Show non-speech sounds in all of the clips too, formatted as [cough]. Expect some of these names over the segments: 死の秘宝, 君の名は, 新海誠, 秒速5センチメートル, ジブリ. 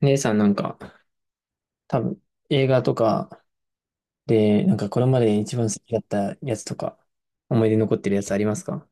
姉さんなんか、多分映画とかで、なんかこれまで一番好きだったやつとか、思い出に残ってるやつありますか？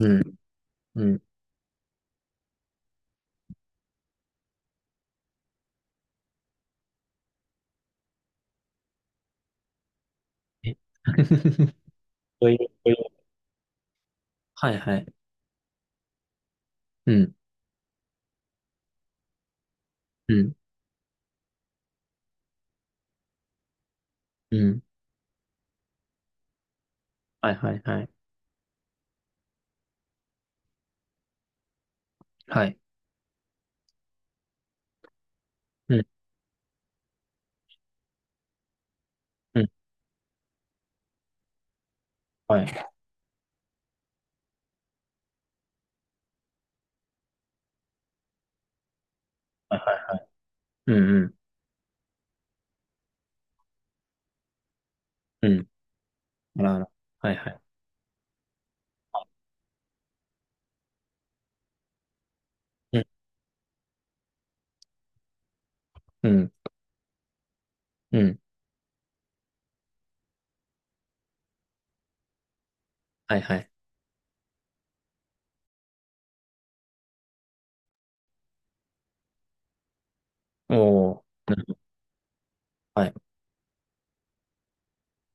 うん、うん。え。 [laughs] そういう、そういう。はいはい。うん、うん、うん。はいはいはい。はい。うん、うん。はい。はいはい。うん、うん、うん。あらあら。はいはい。うん、うん、うん。はいはい。おー。うん、はい。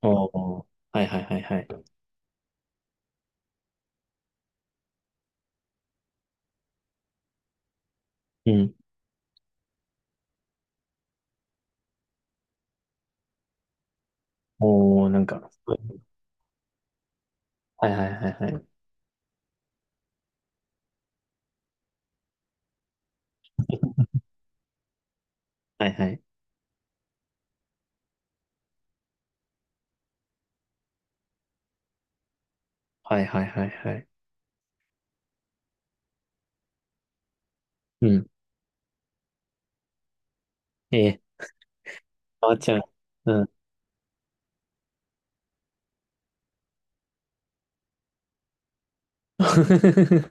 おー。はいはいはいはい。うん。おー、なんか、はいはいはいはい。はいはい。はいはいはいはい。うん。えー変わっちゃう。うん。[laughs]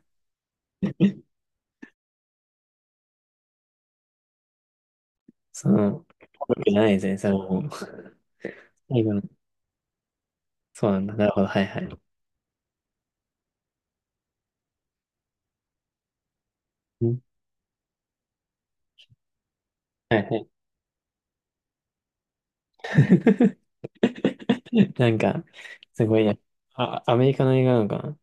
その、僕じゃないですね、それはもう。最後の、そうなんだ。なるほど、はいはい。うん、はいはい。[laughs] なんか、すごいね。あ、アメリカの映画なのかな？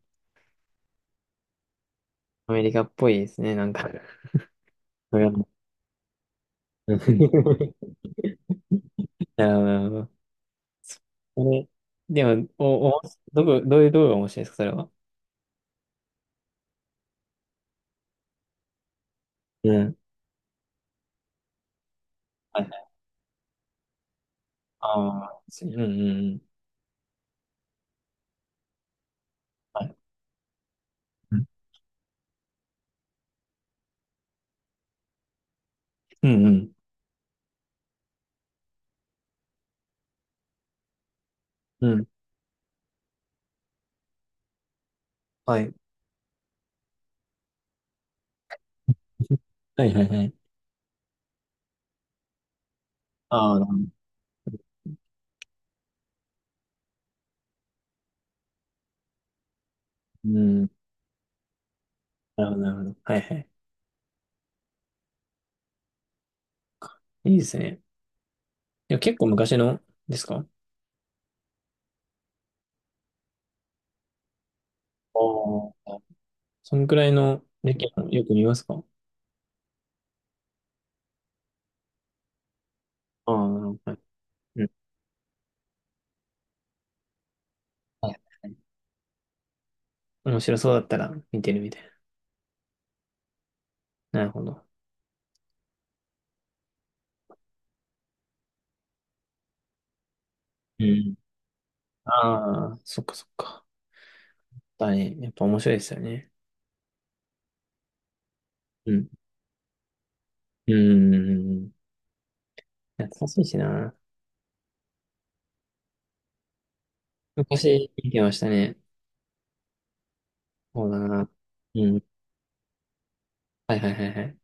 アメリカっぽいですね、なんか。わかんない。うん。 [laughs] なるほど、なるほど。これ、でも、お、おもし、どこ、どういう動画が面白いですか、それは？うん。はいはい。ああ、うんうんうん。はい。うんうん。うん。はい。[laughs] はいはいはい。ああ、なるほど、うん。なるほど、なるほど。はいはい。いいですね。いや、結構昔のですかあ？あ、そんくらいの歴もよく見ますか？ああ、なるほど。はい、うん。はいはい、面白そうだったら見てるみたいな。なるほど。うん。ああ、そっかそっか。だね。やっぱ面白いですよね。うん。うん。懐かしいしな。昔見てましたね。そうだな。うん。はいはいはいはい。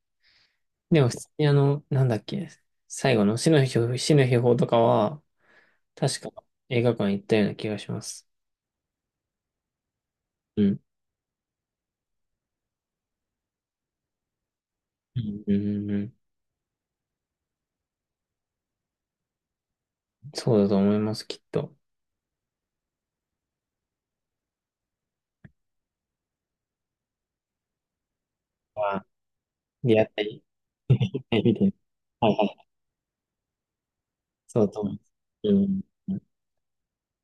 でも普通にあの、なんだっけ、最後の死の秘宝とかは、確か映画館行ったような気がします。うん。うん、うん、うん。そうだと思います、きっと。は、出会ったり。はい、見て。はいはい。そうだと思います。うん。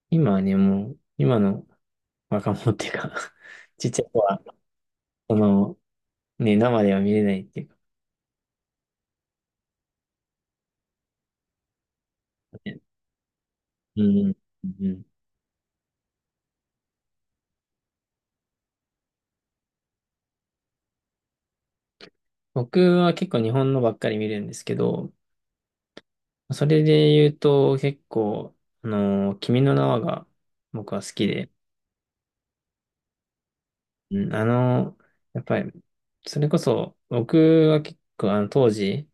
今はね、もう、今の若者っていうか、 [laughs] ちっちゃい子は、その、ね、生では見れないっていうか、ね。うん。うん。僕は結構日本のばっかり見るんですけど、それで言うと、結構、あの、君の名はが僕は好きで、うん、あの、やっぱり、それこそ、僕は結構、あの、当時、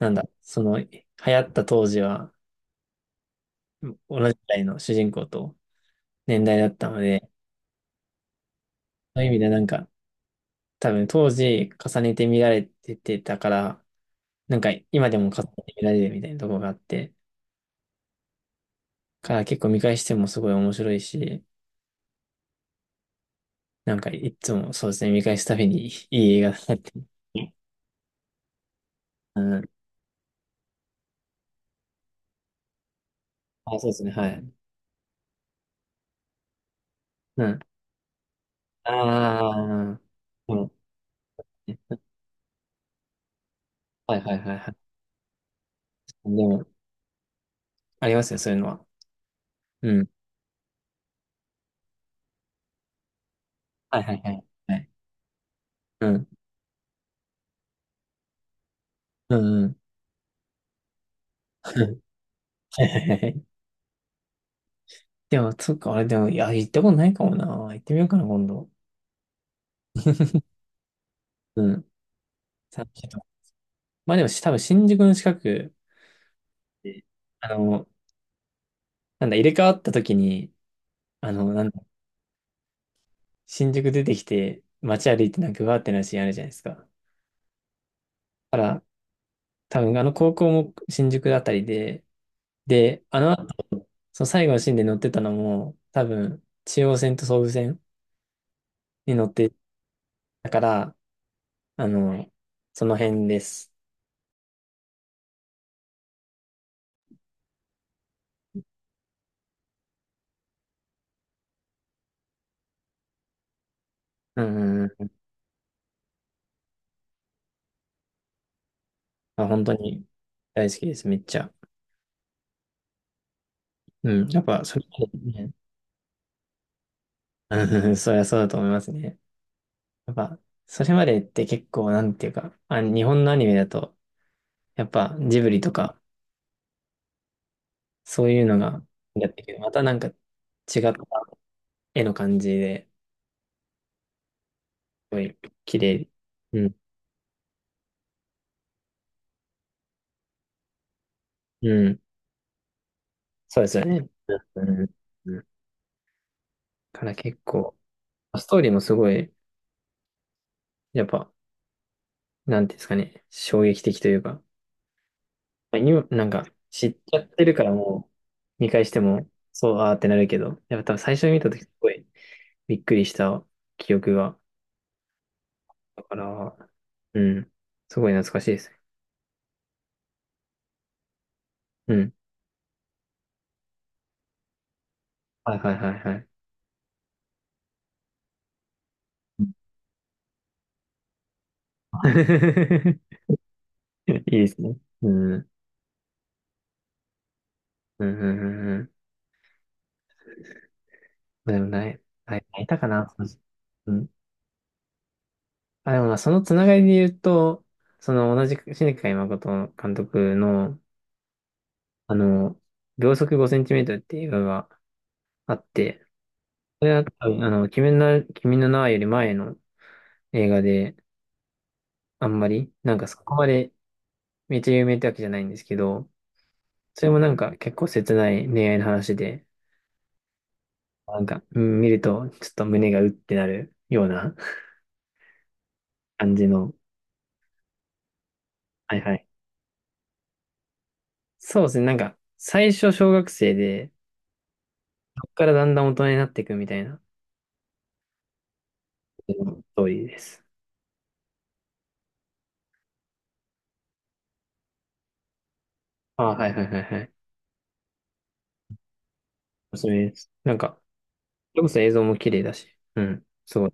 なんだ、その、流行った当時は、同じくらいの主人公と年代だったので、そういう意味でなんか、多分当時重ねて見られててたから、なんか今でも重ねて見られるみたいなとこがあって、から結構見返してもすごい面白いし、なんかいつもそうですね、見返すたびにいい映画だなって。うん。あ、そうですね、はい。うん。ああ、でも、はいはいはいはい。でも、ありますよ、そういうのは。うん。はいはいはい。はい。うん。うんうん。[laughs] はいはいはい。でも、そっか、あれでも、いや、行ったことないかもな。行ってみようかな、今度。うん。ちょっと、まあでも、多分新宿の近くで、あの、なんだ、入れ替わった時に、あの、なんだ、新宿出てきて、街歩いてなんかうわーってなるシーンあるじゃないですか。だから、多分あの高校も新宿あたりで、で、あの後、その最後のシーンで乗ってたのも、多分中央線と総武線に乗ってたから、あの、その辺です。うんうんうん。まあ、本当に大好きです、めっちゃ。うん。やっぱ、それまで、ね、うん、[laughs] そりゃそうだと思いますね。やっぱ、それまでって結構、なんていうか、あ、日本のアニメだと、やっぱジブリとか、そういうのが、やってるけど、またなんか違った絵の感じで、ごい綺麗。うん。うん。そうですよね。うん。うん、から結構、ストーリーもすごい、やっぱ、なんていうんですかね、衝撃的というか、今、なんか、知っちゃってるからもう、見返しても、そう、あーってなるけど、やっぱ多分最初に見たとき、すごいびっくりした記憶が、だから、うん。すごい懐かしいです。うん。はいはいはいはい。[laughs] いいですね。うん。うんうんうんうん。でもない、はい、いたかな。その、うん。あ、でもまあ、そのつながりで言うと、その同じ新海誠監督の、あの、秒速5センチメートルっていう映画があって、それは多分、あの、君の名はより前の映画で、あんまり、なんかそこまでめっちゃ有名ってわけじゃないんですけど、それもなんか結構切ない恋愛の話で、なんか、うん、見るとちょっと胸がうってなるような、 [laughs] 感じの、はいはい。そうですね、なんか、最初小学生で、からだんだん大人になっていくみたいな、うん。ストーリーです。ああ、はいはいはいはい。おすすめです。なんか、それこそ映像も綺麗だし、うん。すごい。